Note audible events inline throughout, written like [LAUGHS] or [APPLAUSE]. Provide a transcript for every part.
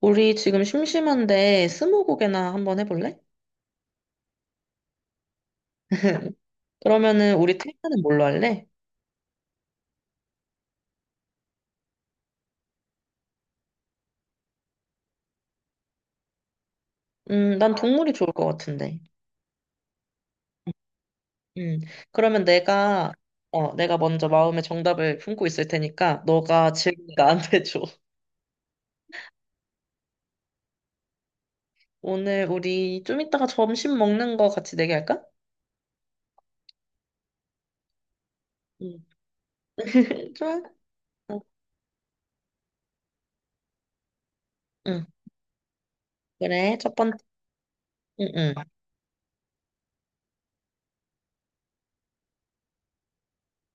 우리 지금 심심한데 스무고개나 한번 해볼래? 그러면은 우리 테마는 뭘로 할래? 난 동물이 좋을 것 같은데. 음, 그러면 내가 먼저 마음의 정답을 품고 있을 테니까 너가 질문 나한테 줘. [LAUGHS] 오늘 우리 좀 이따가 점심 먹는 거 같이 내기할까? 음. [LAUGHS] 좋아? 어, 응. 그래. 첫 번째. 응, 응.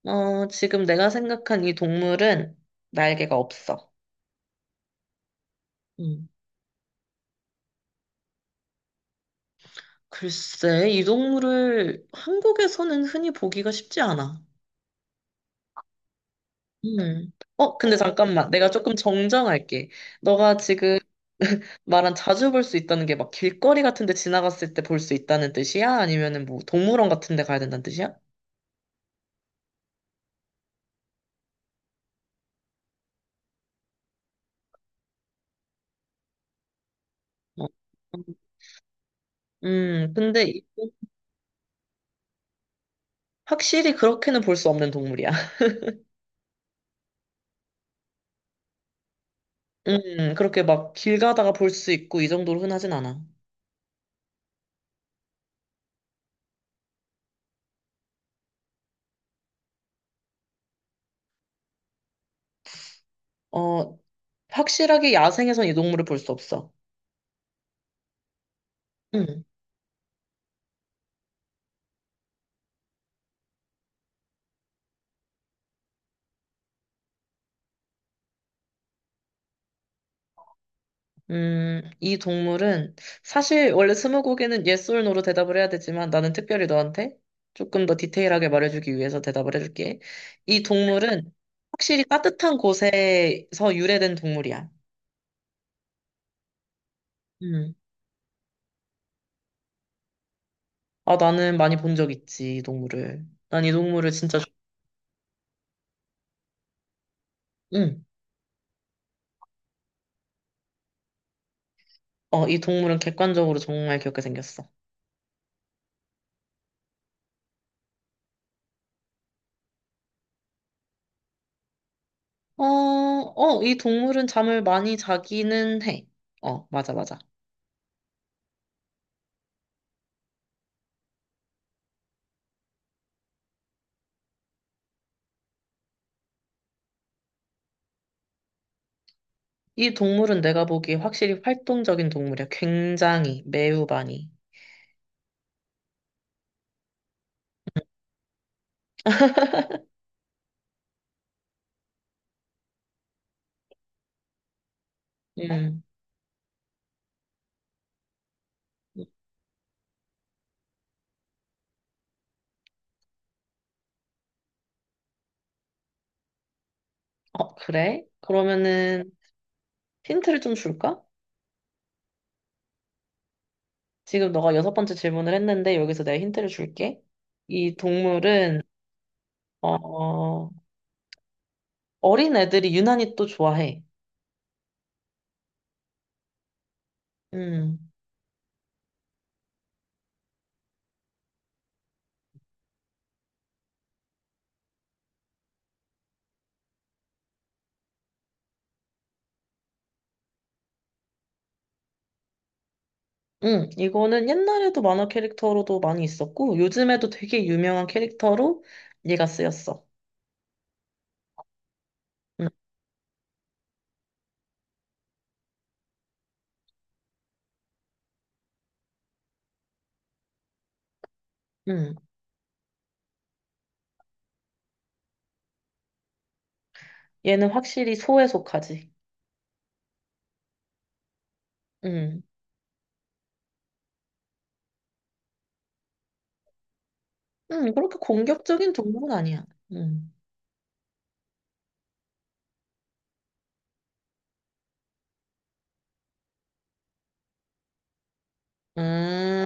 어, 지금 내가 생각한 이 동물은 날개가 없어. 음. 글쎄, 이 동물을 한국에서는 흔히 보기가 쉽지 않아. 음. 어, 근데 잠깐만. 내가 조금 정정할게. 너가 지금 [LAUGHS] 말한 자주 볼 수 있다는 게 막 길거리 같은 데 지나갔을 때 볼 수 있다는 뜻이야? 아니면은 뭐 동물원 같은 데 가야 된다는 뜻이야? 어. 음, 근데 이- 확실히 그렇게는 볼 수 없는 동물이야. [LAUGHS] 그렇게 막 길 가다가 볼 수 있고 이 정도로 흔하진 않아. 어, 확실하게 야생에선 이 동물을 볼 수 없어. 이 동물은 사실 원래 스무고개는 yes or no로 대답을 해야 되지만 나는 특별히 너한테 조금 더 디테일하게 말해주기 위해서 대답을 해줄게. 이 동물은 확실히 따뜻한 곳에서 유래된 동물이야. 음. 아, 나는 많이 본 적 있지, 이 동물을. 난 이 동물을 진짜, 좋- 응. 어, 이 동물은 객관적으로 정말 귀엽게 생겼어. 이 동물은 잠을 많이 자기는 해. 어, 맞아, 맞아. 이 동물은 내가 보기에 확실히 활동적인 동물이야. 굉장히, 매우 많이. 음. 어, 그래? 그러면은 힌트를 좀 줄까? 지금 너가 여섯 번째 질문을 했는데 여기서 내가 힌트를 줄게. 이 동물은 어, 어린 애들이 유난히 또 좋아해. 음. 이거는 옛날에도 만화 캐릭터로도 많이 있었고 요즘에도 되게 유명한 캐릭터로 얘가 쓰였어. 음. 음. 얘는 확실히 소에 속하지. 응. 그렇게 공격적인 동물은 아니야. 음, 음,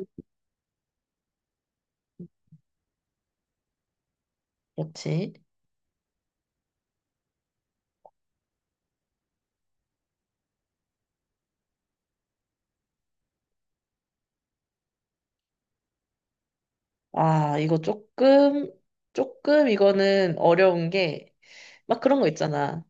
그렇지. 아, 이거 조금, 조금 이거는 어려운 게, 막 그런 거 있잖아.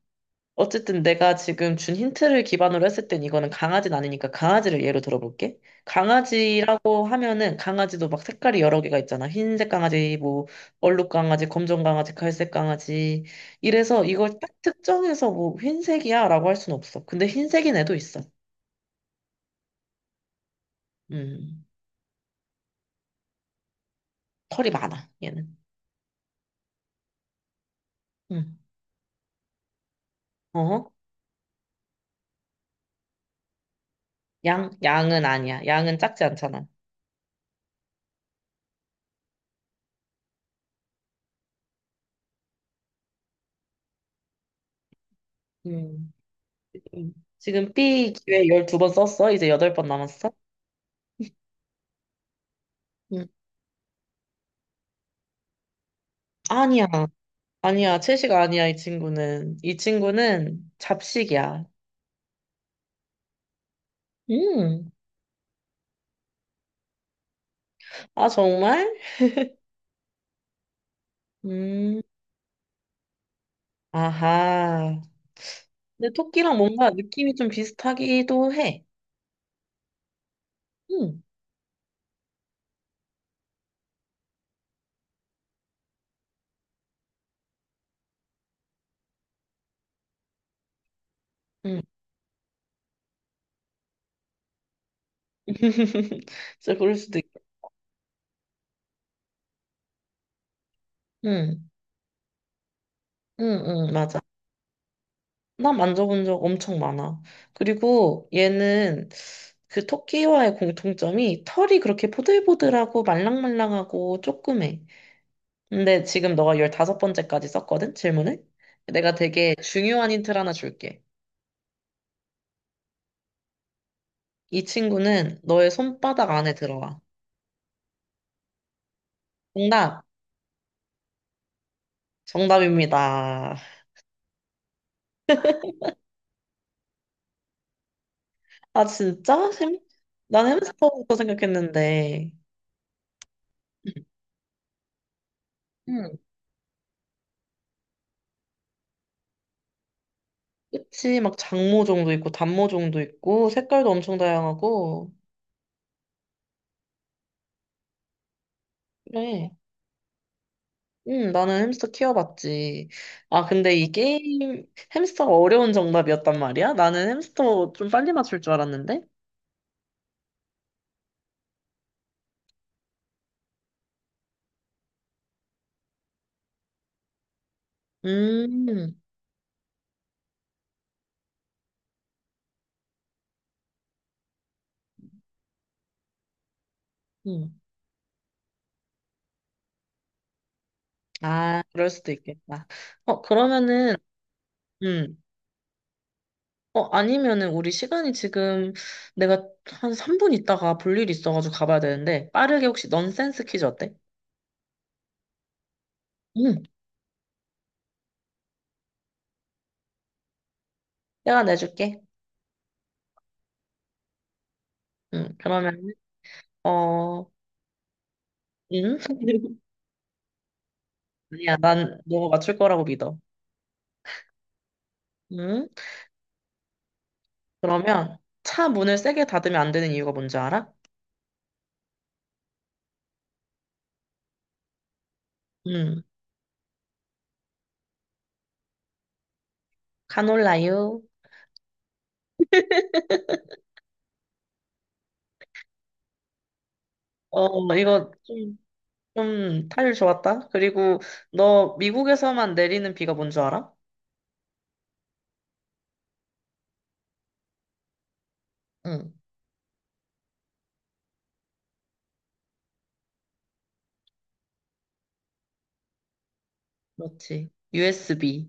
어쨌든 내가 지금 준 힌트를 기반으로 했을 땐 이거는 강아지는 아니니까 강아지를 예로 들어볼게. 강아지라고 하면은 강아지도 막 색깔이 여러 개가 있잖아. 흰색 강아지, 뭐, 얼룩 강아지, 검정 강아지, 갈색 강아지. 이래서 이걸 딱 특정해서 뭐 흰색이야 라고 할 순 없어. 근데 흰색인 애도 있어. 음. 털이 많아, 얘는. 응. 어? 양, 양은 아니야. 양은 작지 않잖아. 음. 음. 지금 B 기회 12번 썼어? 이제 8번 남았어? 음. 아니야. 아니야. 채식 아니야, 이 친구는. 이 친구는 잡식이야. 음. 아, 정말? 음. 아하. 근데 토끼랑 뭔가 느낌이 좀 비슷하기도 해. 음. 음. [LAUGHS] 진짜 그럴 수도 있겠다. 응, 응, 응, 맞아. 나 만져본 적 엄청 많아. 그리고 얘는 그 토끼와의 공통점이 털이 그렇게 보들보들하고 말랑말랑하고 쪼그매. 근데 지금 너가 열다섯 번째까지 썼거든, 질문을? 내가 되게 중요한 힌트를 하나 줄게. 이 친구는 너의 손바닥 안에 들어와. 정답, 정답입니다. 아, 진짜? 난 햄스터부터 생각했는데. 응. 그치, 막 장모종도 있고, 단모종도 있고, 색깔도 엄청 다양하고. 그래. 응, 나는 햄스터 키워봤지. 아, 근데 이 게임, 햄스터가 어려운 정답이었단 말이야? 나는 햄스터 좀 빨리 맞출 줄 알았는데? 음, 음. 아, 그럴 수도 있겠다. 어, 그러면은, 음. 어, 아니면은 우리 시간이 지금 내가 한 3분 있다가 볼 일이 있어가지고 가봐야 되는데, 빠르게 혹시 넌센스 퀴즈 어때? 응, 내가 내줄게. 응, 그러면, 어, 응? [LAUGHS] 아니야, 난 너가 맞출 거라고 믿어. 응? 그러면 차 문을 세게 닫으면 안 되는 이유가 뭔지 알아? 음, 카놀라유. 어, 좀 타율 좋았다. 그리고 너 미국에서만 내리는 비가 뭔 줄 알아? 응, 그렇지. USB.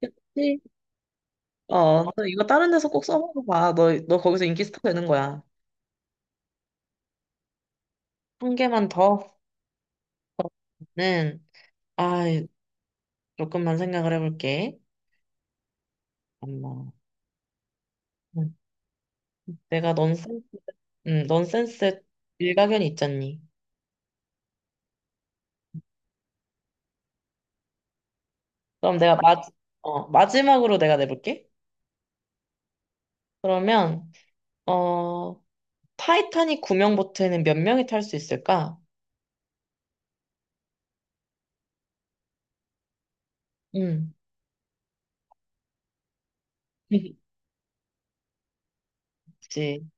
그치? 어, 너 이거 다른 데서 꼭 써먹어봐. 너 거기서 인기 스타 되는 거야. 한 개만 더는, 아, 조금만 생각을 해볼게. 엄마. 응. 내가 넌센스, 응, 넌센스 일가견이 있잖니. 그럼 내가 마, 어, 마지막으로 내가 내볼게. 그러면, 어, 타이타닉 구명 보트에는 몇 명이 탈 수 있을까? 음. [LAUGHS] 그치.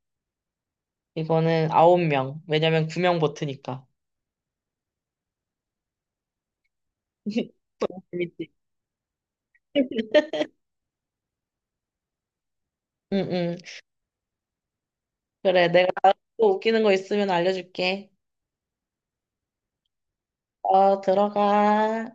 이거는 9명. 왜냐면 구명 보트니까. [LAUGHS] 재밌지? 응, 응. 그래, 내가 또 웃기는 거 있으면 알려줄게. 어, 들어가.